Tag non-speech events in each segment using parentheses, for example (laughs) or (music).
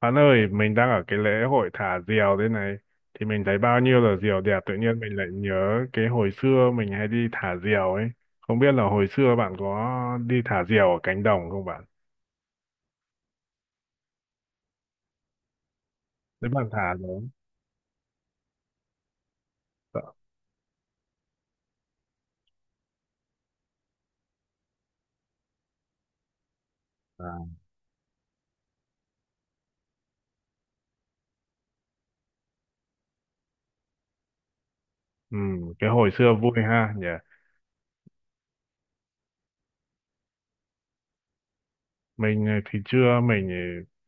Bạn ơi, mình đang ở cái lễ hội thả diều thế này. Thì mình thấy bao nhiêu là diều đẹp, tự nhiên mình lại nhớ cái hồi xưa mình hay đi thả diều ấy. Không biết là hồi xưa bạn có đi thả diều ở cánh đồng không bạn? Nếu bạn thả rồi. Dạ. À, ừ, cái hồi xưa vui ha nhỉ. Mình thì chưa. Mình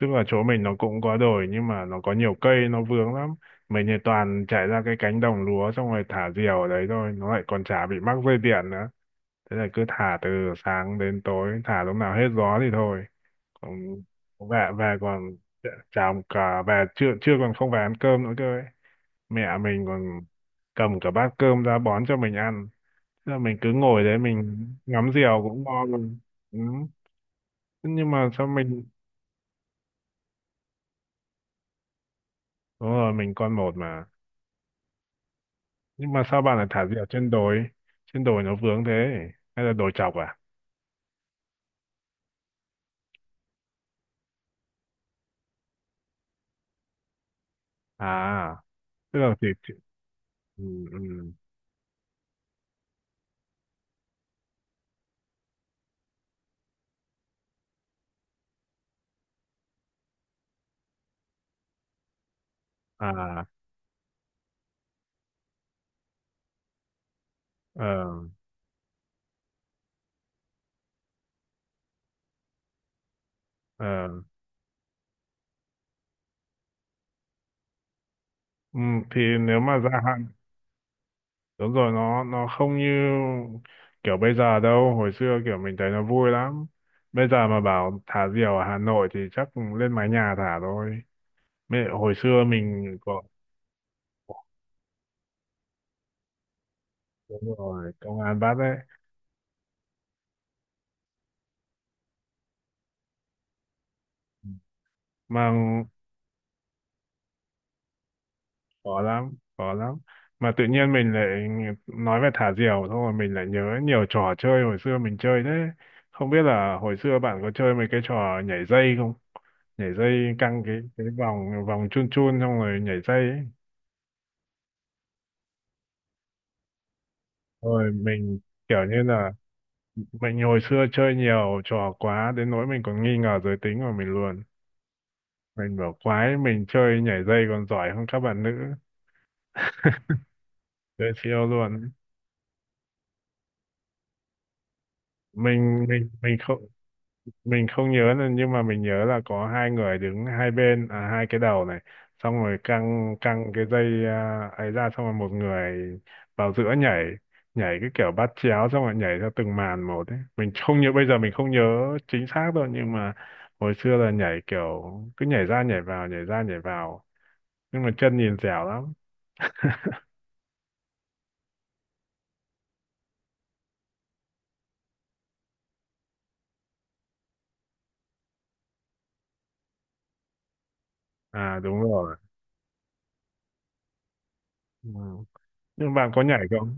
tức là chỗ mình nó cũng có đồi nhưng mà nó có nhiều cây nó vướng lắm. Mình thì toàn chạy ra cái cánh đồng lúa xong rồi thả diều ở đấy thôi, nó lại còn chả bị mắc dây điện nữa. Thế là cứ thả từ sáng đến tối, thả lúc nào hết gió thì thôi. Còn về về còn chả cả về, chưa chưa còn không về ăn cơm nữa cơ ấy. Mẹ mình còn cầm cả bát cơm ra bón cho mình ăn. Thế là mình cứ ngồi đấy mình ngắm diều cũng ngon luôn. Ừ, nhưng mà sao mình. Đúng rồi, mình con một mà. Nhưng mà sao bạn lại thả diều trên đồi, trên đồi nó vướng thế, hay là đồi chọc à? À, tức là thì, ừ, ừ, à, ờ, ờ, ừ, thì nếu mà gia hạn. Đúng rồi, nó không như kiểu bây giờ đâu. Hồi xưa kiểu mình thấy nó vui lắm. Bây giờ mà bảo thả diều ở Hà Nội thì chắc lên mái nhà thả thôi. Mẹ, hồi xưa mình có. Đúng rồi, công an bắt đấy mà. Khó lắm, khó lắm. Mà tự nhiên mình lại nói về thả diều, xong rồi mình lại nhớ nhiều trò chơi hồi xưa mình chơi thế. Không biết là hồi xưa bạn có chơi mấy cái trò nhảy dây không? Nhảy dây căng cái vòng vòng chun chun xong rồi nhảy dây ấy. Rồi mình kiểu như là, mình hồi xưa chơi nhiều trò quá đến nỗi mình còn nghi ngờ giới tính của mình luôn. Mình bảo quái, mình chơi nhảy dây còn giỏi hơn các bạn nữ. Chơi siêu luôn. Mình không, mình không nhớ là- nhưng mà mình nhớ là có hai người đứng hai bên, à, hai cái đầu này, xong rồi căng căng cái dây à, ấy ra, xong rồi một người vào giữa nhảy. Nhảy cái kiểu bắt chéo xong rồi nhảy theo từng màn một ấy. Mình không nhớ, bây giờ mình không nhớ chính xác đâu, nhưng mà hồi xưa là nhảy kiểu cứ nhảy ra nhảy vào, nhảy ra nhảy vào, nhưng mà chân nhìn dẻo lắm. À, đúng rồi, ừ. Nhưng bạn có nhảy không?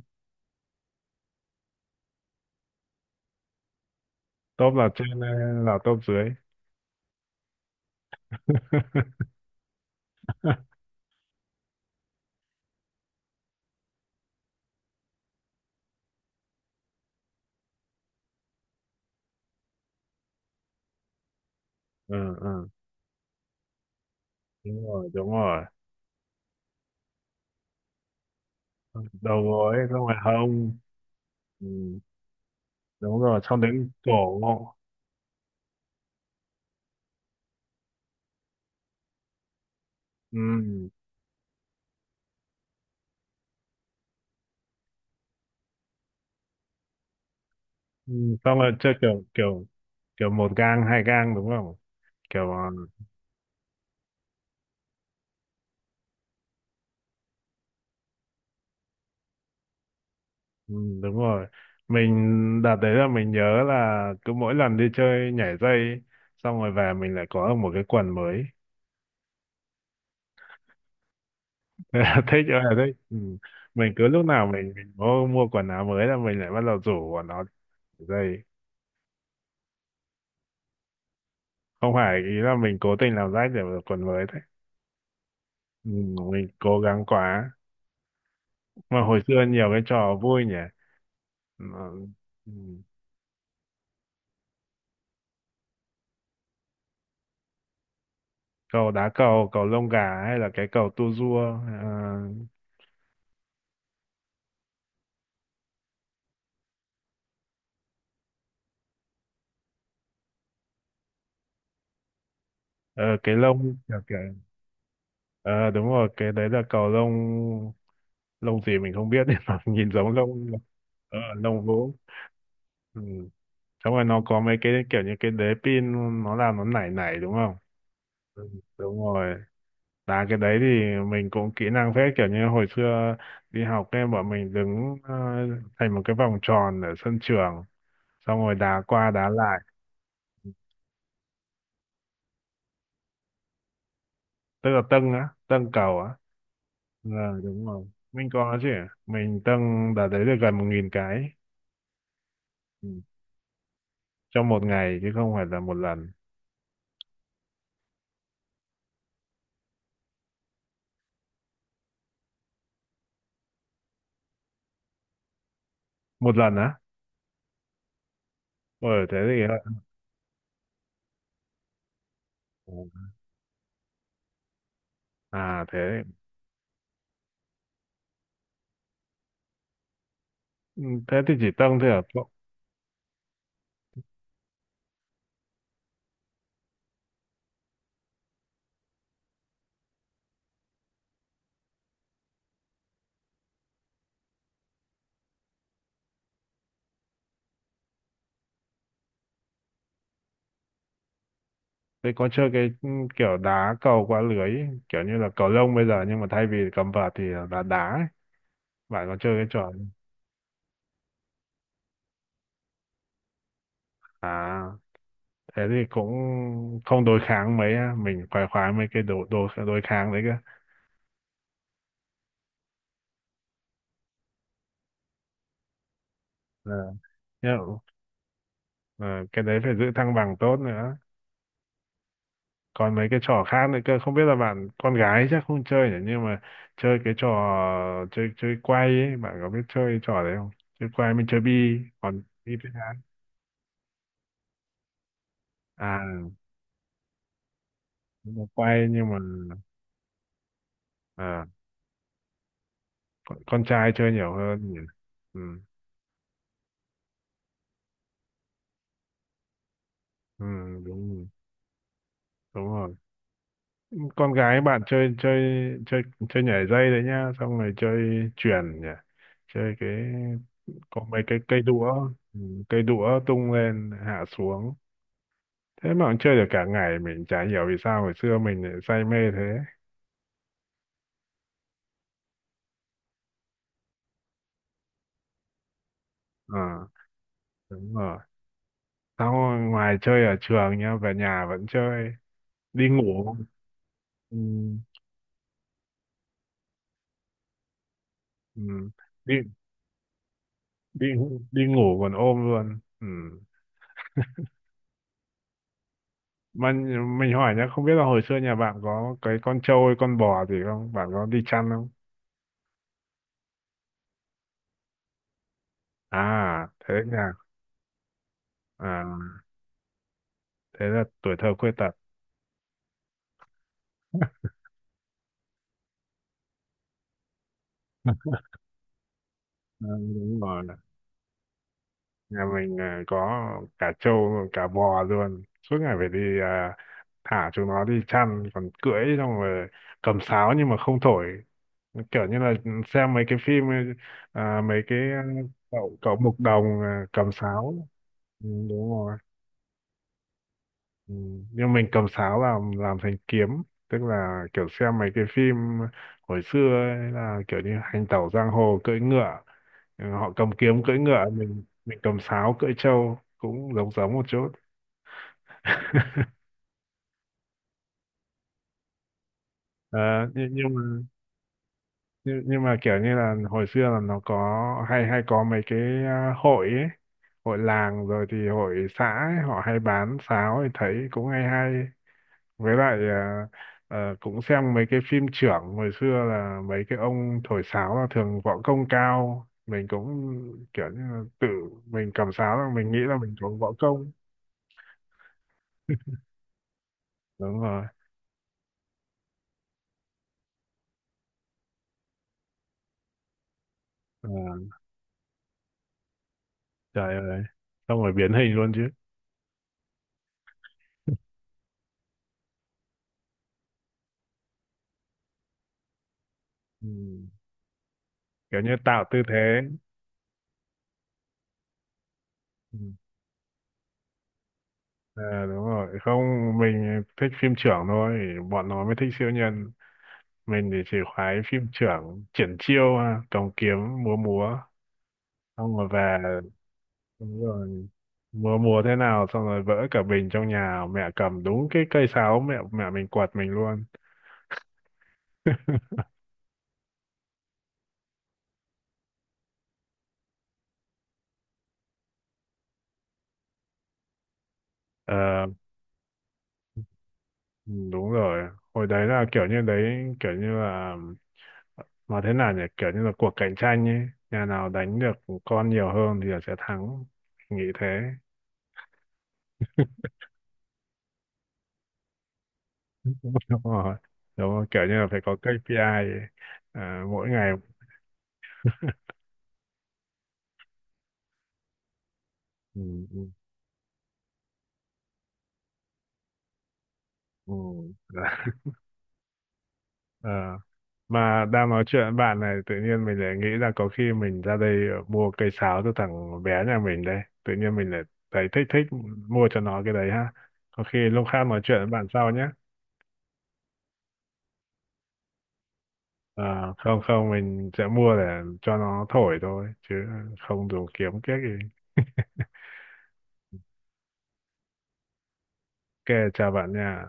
Top là trên hay là top dưới? (laughs) Ừ, ừ. Đúng rồi, đúng rồi. Đầu gối xong rồi hông, ừ, đúng rồi, xong đến cổ. Ừ. Ừ. Xong rồi chơi kiểu kiểu, kiểu một gang hai gang đúng không, kiểu ờ, ừ, đúng rồi. Mình đợt đấy là mình nhớ là cứ mỗi lần đi chơi nhảy dây ấy, xong rồi về mình lại có được một cái quần mới. (laughs) Thế là thích ơi là thích, ừ. Mình cứ lúc nào mình mua, mua quần áo mới là mình lại bắt đầu rủ của nó nhảy dây. Không phải ý là mình cố tình làm rách để được quần mới đấy. Ừ, mình cố gắng quá. Mà hồi xưa nhiều cái trò vui nhỉ. Mà, ừ, cầu, đá cầu, cầu lông gà hay là cái cầu tua rua. Ờ, ờ, cái lông kiểu kiểu, ờ, đúng rồi, cái đấy là cầu lông. Lông gì mình không biết nhưng mà (laughs) nhìn giống lông. Ờ, lông gỗ. Ừ. Xong rồi nó có mấy cái kiểu như cái đế pin, nó làm nó nảy nảy đúng không. Ừ, đúng rồi, đá cái đấy thì mình cũng kỹ năng phết. Kiểu như hồi xưa đi học em bọn mình đứng, ờ, thành một cái vòng tròn ở sân trường xong rồi đá qua đá lại. Tức là dâng á, dâng cầu á. Ờ, đúng rồi, mình có chứ. Mình dâng đợt đấy được gần 1.000 cái. Ừ. Trong một ngày chứ không phải là một lần. Một lần á. Ờ thế thì. Ừ. À thế. Ừ, thế thì chỉ dâng thôi à? Cậu- thế có chơi cái, ừ, kiểu đá cầu qua lưới ấy, kiểu như là cầu lông bây giờ nhưng mà thay vì cầm vợt thì là đá đá ấy. Bạn có chơi cái trò ấy? À thế thì cũng không đối kháng mấy á. Mình khoái khoái mấy cái đồ đồ đối kháng đấy cơ. Ờ. Yeah. Ờ, cái đấy phải giữ thăng bằng tốt nữa. Còn mấy cái trò khác nữa cơ, không biết là bạn con gái chắc không chơi nhỉ, nhưng mà chơi cái trò, chơi chơi quay ấy, bạn có biết chơi trò đấy không? Chơi quay, mình chơi bi còn bi biết đá. À, nhưng mà quay, nhưng mà, à, con trai chơi nhiều hơn nhỉ. Ừ, ừ, đúng rồi. Đúng rồi, con gái bạn chơi chơi, chơi chơi nhảy dây đấy nhá, xong rồi chơi chuyền nhỉ. Chơi cái có mấy cái cây đũa, ừ, cây đũa tung lên hạ xuống. Thế mà cũng chơi được cả ngày, mình chả hiểu vì sao hồi xưa mình lại say mê thế. Ờ, đúng rồi. Sau ngoài chơi ở trường nhá, về nhà vẫn chơi. Đi ngủ, ừ, ừ, đi đi đi ngủ còn ôm luôn, ừ. Mà nh- mình hỏi nhá, không biết là hồi xưa nhà bạn có cái con trâu hay con bò gì không, bạn có đi chăn không? À thế nhà. À thế là tuổi thơ khuyết tật. Ừ, đúng rồi, nhà mình à, có cả trâu rồi cả bò luôn, suốt ngày phải đi à, thả chúng nó đi chăn, còn cưỡi xong rồi cầm sáo nhưng mà không thổi. Kiểu như là xem mấy cái phim, à, mấy cái ờ, cậu cậu mục đồng à, cầm sáo. Ừ, đúng rồi. Ừ, nhưng mình cầm sáo làm thành kiếm. Tức là kiểu xem mấy cái phim hồi xưa ấy, là kiểu như hành tẩu giang hồ cưỡi ngựa. Ừ, họ cầm kiếm cưỡi ngựa, mình cầm sáo cưỡi trâu cũng giống giống một chút. Ờ, nhưng mà, nhưng mà kiểu như là hồi xưa là nó có, hay hay có mấy cái, à, hội ấy, hội làng rồi thì hội xã ấy, họ hay bán sáo thì thấy cũng hay hay. Với lại à, ờ, cũng xem mấy cái phim chưởng hồi xưa là mấy cái ông thổi sáo là thường võ công cao. Mình cũng kiểu như là tự mình cầm sáo là mình nghĩ là mình có võ công. Đúng rồi. Ờ, trời ơi, xong rồi biến hình luôn chứ. Ừ. Kiểu như tạo tư thế. Ừ. Ờ, đúng rồi, không, mình thích phim chưởng thôi, bọn nó mới thích siêu nhân. Mình thì chỉ khoái phim chưởng, triển chiêu à, cầm kiếm múa múa xong rồi về. Đúng rồi, mưa mùa thế nào xong rồi vỡ cả bình trong nhà, mẹ cầm đúng cái cây sáo, mẹ mẹ mình quạt mình luôn. Ờ. Ừ, đúng rồi, hồi đấy là kiểu như đấy, kiểu như là, mà thế nào nhỉ, kiểu như là cuộc cạnh tranh ấy, nhà nào đánh được con nhiều hơn thì là sẽ thắng, nghĩ thế. (laughs) Đúng rồi, đúng rồi, kiểu như là phải có KPI ấy. À, mỗi ngày, ừ, ừ, ừ. (laughs) Ờ. Mà đang nói chuyện với bạn này tự nhiên mình lại nghĩ là có khi mình ra đây mua cây sáo cho thằng bé nhà mình đây. Tự nhiên mình lại thấy thích thích mua cho nó cái đấy ha. Có khi lúc khác nói chuyện với bạn sau nhé. Ờ, không không mình sẽ mua để cho nó thổi thôi chứ không dùng kiếm kiếc gì. Ok, chào bạn nha.